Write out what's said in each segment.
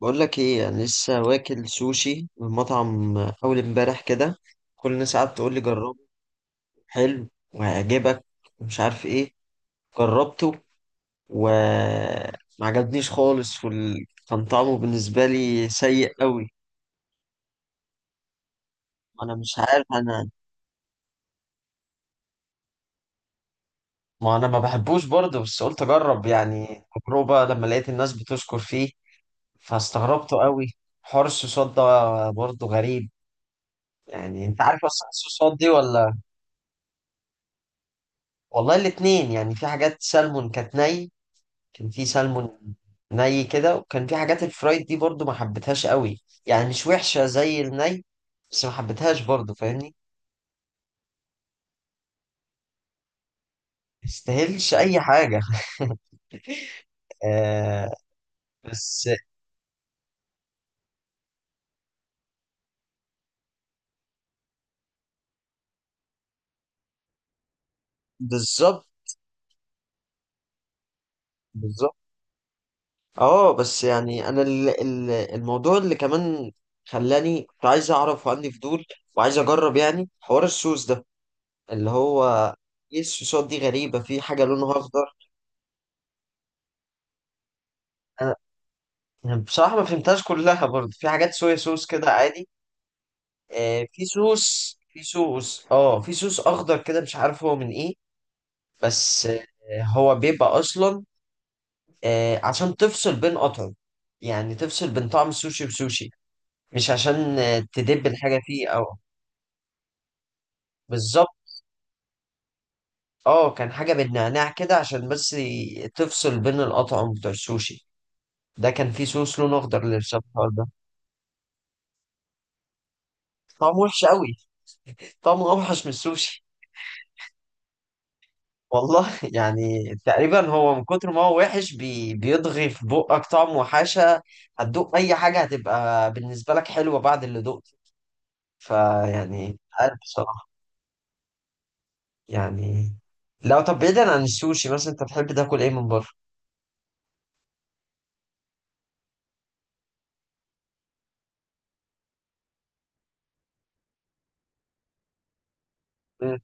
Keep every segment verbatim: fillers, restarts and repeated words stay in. بقول لك ايه، انا لسه واكل سوشي من مطعم اول امبارح كده. كل الناس قعدت تقول لي جربه حلو وهيعجبك ومش عارف ايه. جربته وما عجبنيش خالص، وال... كان طعمه بالنسبه لي سيء قوي. انا مش عارف. انا ما انا ما بحبوش برضه، بس قلت اجرب يعني تجربه لما لقيت الناس بتشكر فيه، فاستغربته قوي. حوار الصوصات ده برضه غريب. يعني انت عارف اصلا الصوصات دي ولا؟ والله الاتنين، يعني في حاجات سلمون كانت ني، كان في سلمون ني كده، وكان في حاجات الفرايد دي برضو ما حبيتهاش قوي. يعني مش وحشة زي الني، بس ما حبيتهاش برضو فاهمني. مستاهلش اي حاجة. آه. بس. بالظبط. بالظبط. اه بس يعني انا ال- ال- الموضوع اللي كمان خلاني كنت عايز اعرف وعندي فضول وعايز اجرب يعني حوار السوس ده، اللي هو ايه السوسات دي غريبة، في حاجة لونها اخضر. يعني بصراحة ما فهمتهاش كلها برضه. في حاجات صويا صوص كده عادي. آه في صوص في صوص اه في صوص أخضر كده مش عارف هو من ايه، بس آه هو بيبقى أصلا آه عشان تفصل بين قطعم، يعني تفصل بين طعم السوشي وسوشي، مش عشان آه تدب الحاجة فيه أو. بالظبط. اه كان حاجة بالنعناع كده عشان بس ي- تفصل بين القطعم بتوع السوشي. ده كان فيه صوص لونه أخضر للشبهار ده. طعمه وحش قوي. طعمه أوحش من السوشي. والله يعني تقريبا هو من كتر ما هو وحش بي بيضغي في بقك طعم وحشة. هتدوق أي حاجة هتبقى بالنسبة لك حلوة بعد اللي دقته. فيعني مش عارف بصراحة. يعني لو طب بعيدا عن السوشي مثلا، أنت بتحب تاكل إيه من بره؟ مم.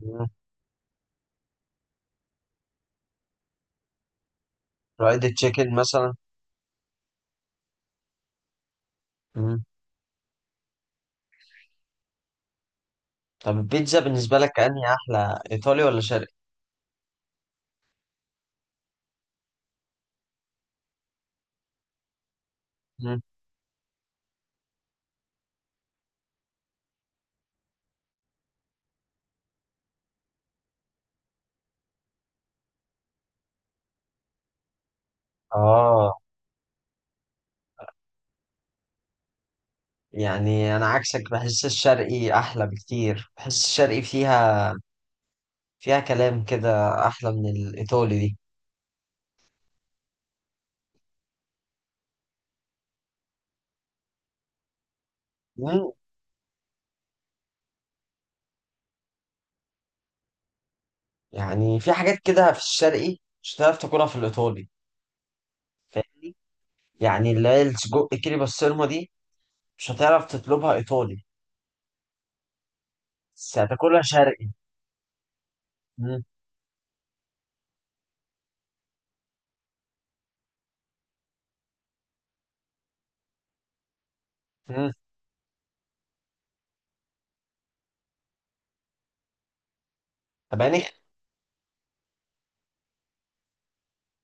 مم. فرايد تشيكن مثلا. مم. طب البيتزا بالنسبة لك أنهي أحلى، إيطالي ولا شرقي؟ مم. آه يعني أنا عكسك، بحس الشرقي أحلى بكتير. بحس الشرقي فيها فيها كلام كده، احلى من الايطالي دي. مم. يعني في حاجات كده في الشرقي مش هتعرف تاكلها في الايطالي، فاهمني؟ يعني اللي هي السجق كيري بسطرمه دي مش هتعرف تطلبها ايطالي، بس هتاكلها شرقي. مم. مم. طب يعني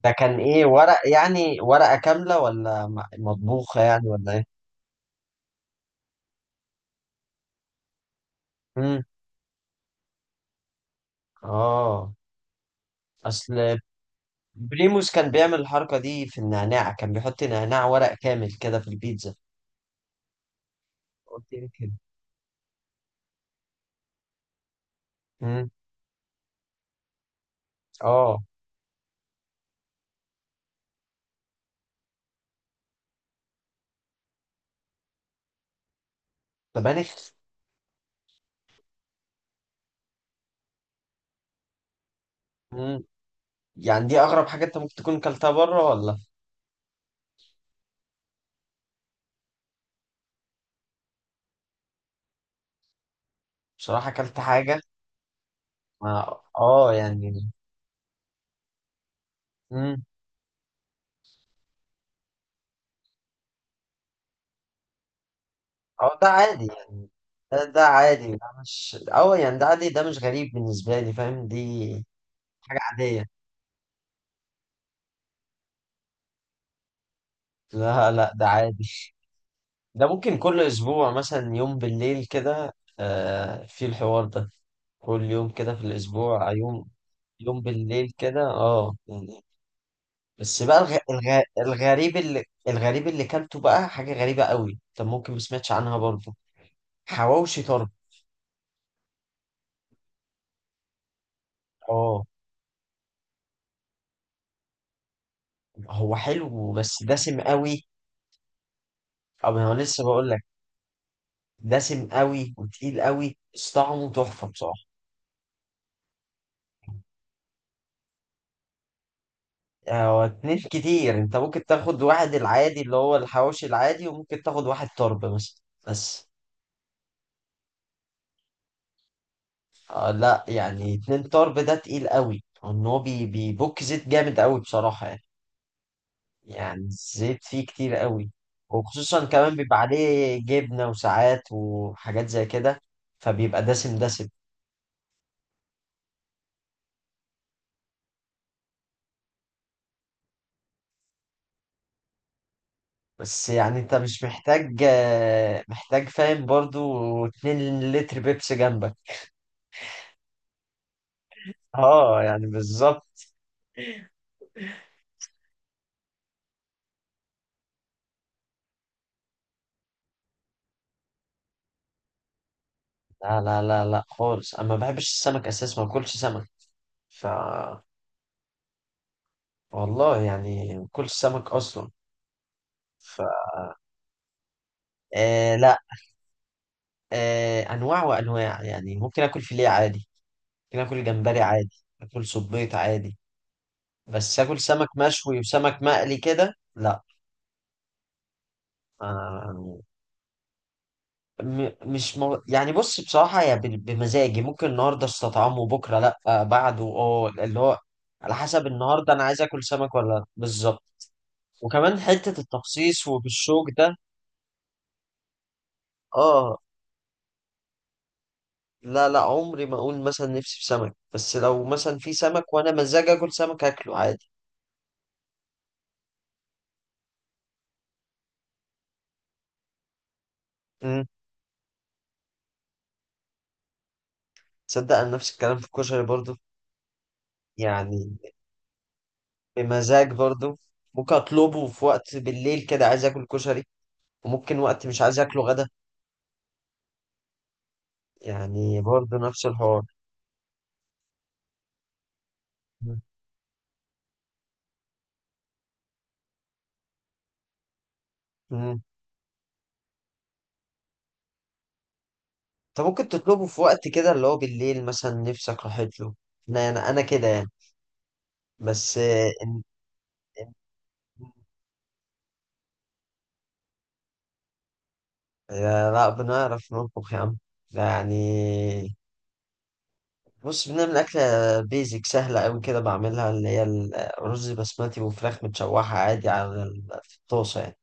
ده كان ايه؟ ورق يعني ورقه كامله ولا م- مطبوخه يعني ولا ايه؟ مم. اه اصل بريموس كان بيعمل الحركه دي في النعناع، كان بيحط نعناع ورق كامل كده في البيتزا. قلت يمكن. مم. اه. طب يعني، مم، يعني دي اغرب حاجه انت ممكن تكون كلتها بره ولا؟ بصراحه كلت حاجه. ما اه يعني. مم. اه ده عادي يعني. ده, ده عادي، ده مش اه يعني ده عادي، ده مش غريب بالنسبه لي، فاهم دي حاجه عاديه. لا لا ده عادي. ده ممكن كل اسبوع مثلا يوم بالليل كده، آه، في الحوار ده، كل يوم كده في الاسبوع يوم، يوم بالليل كده اه يعني. بس بقى الغ... الغ... الغريب اللي الغريب اللي كلته بقى حاجة غريبة قوي، طب ممكن ما سمعتش عنها برضه. حواوشي طرب. اه هو حلو بس دسم قوي. او انا لسه بقول لك، دسم قوي وتقيل قوي، بس طعمه تحفة بصراحة. هو اتنين كتير. انت ممكن تاخد واحد العادي اللي هو الحواوشي العادي، وممكن تاخد واحد طرب مثلا. بس آه لا يعني اتنين طرب ده تقيل قوي، ان هو بي... بيبك زيت جامد قوي بصراحة يعني. يعني الزيت فيه كتير قوي. وخصوصا كمان بيبقى عليه جبنة وساعات وحاجات زي كده، فبيبقى دسم دسم. بس يعني انت مش محتاج، آه، محتاج فاهم برضو اتنين لتر بيبسي جنبك. اه يعني بالظبط. لا لا لا لا خالص، انا ما بحبش السمك اساسا، ما باكلش سمك. ف والله يعني ما باكلش سمك اصلا. ف آه لا. آه انواع وانواع، يعني ممكن اكل فيليه عادي، ممكن اكل جمبري عادي، اكل صبيط عادي، بس اكل سمك مشوي وسمك مقلي كده لا. آه، م- مش مو... يعني بص بصراحة هي ب- بمزاجي، ممكن النهاردة استطعمه، بكرة لا، آه، بعده اه اللي هو على حسب النهاردة، انا عايز اكل سمك ولا لا، بالظبط. وكمان حتة التخصيص وبالشوك ده. اه لا لا عمري ما اقول مثلا نفسي في سمك، بس لو مثلا في سمك وانا مزاجي اكل سمك، اكله عادي. مم. تصدق انا نفس الكلام في الكشري برضو. يعني بمزاج برضو. ممكن اطلبه في وقت بالليل كده عايز اكل كشري، وممكن وقت مش عايز اكله غدا. يعني برضو نفس الحوار. امم. انت ممكن تطلبه في وقت كده اللي هو بالليل مثلا نفسك راحت له. انا انا أنا كده يعني. بس آه، إن... إن... آه، لا بنعرف نطبخ يا عم. لا يعني، بص بنعمل أكلة بيزك سهلة أوي كده بعملها، اللي هي الرز بسمتي وفراخ متشوحة عادي على ال- في الطاسة يعني،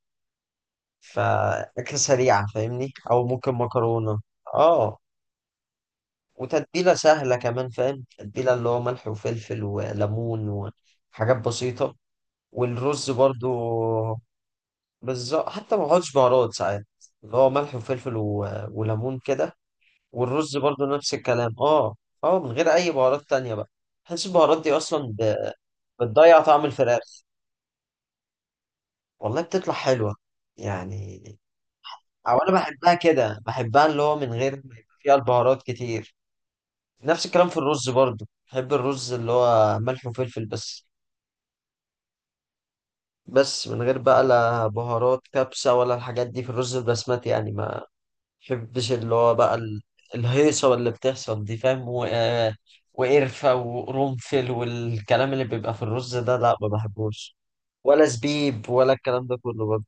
فأكلة سريعة فاهمني، أو ممكن مكرونة. اه. وتتبيلة سهلة كمان، فاهم تتبيلة اللي هو ملح وفلفل وليمون وحاجات بسيطة. والرز برضو، بالظبط، حتى ما بحطش بهارات ساعات، اللي هو ملح وفلفل و... وليمون كده. والرز برضو نفس الكلام اه. اه من غير أي بهارات تانية بقى. بحس البهارات دي أصلا ب... بتضيع طعم الفراخ. والله بتطلع حلوة يعني. أو أنا بحبها كده، بحبها اللي هو من غير ما يبقى فيها البهارات كتير. نفس الكلام في الرز برضو، بحب الرز اللي هو ملح وفلفل بس. بس من غير بقى لا بهارات كبسة ولا الحاجات دي في الرز البسمتي يعني، ما بحبش اللي هو بقى ال- الهيصة اللي بتحصل دي، فاهم؟ و... آه، وقرفة وقرنفل والكلام اللي بيبقى في الرز ده، لا ما بحبوش، ولا زبيب ولا الكلام ده كله برضه.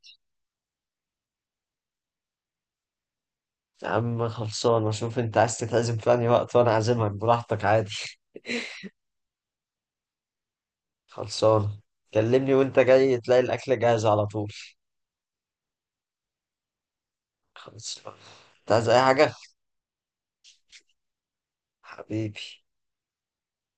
يا عم خلصان، اشوف انت عايز تتعزم في انهي وقت وانا اعزمك براحتك عادي. خلصان، كلمني وانت جاي تلاقي الاكل جاهز على طول. خلاص بقى. انت عايز اي حاجة؟ حبيبي.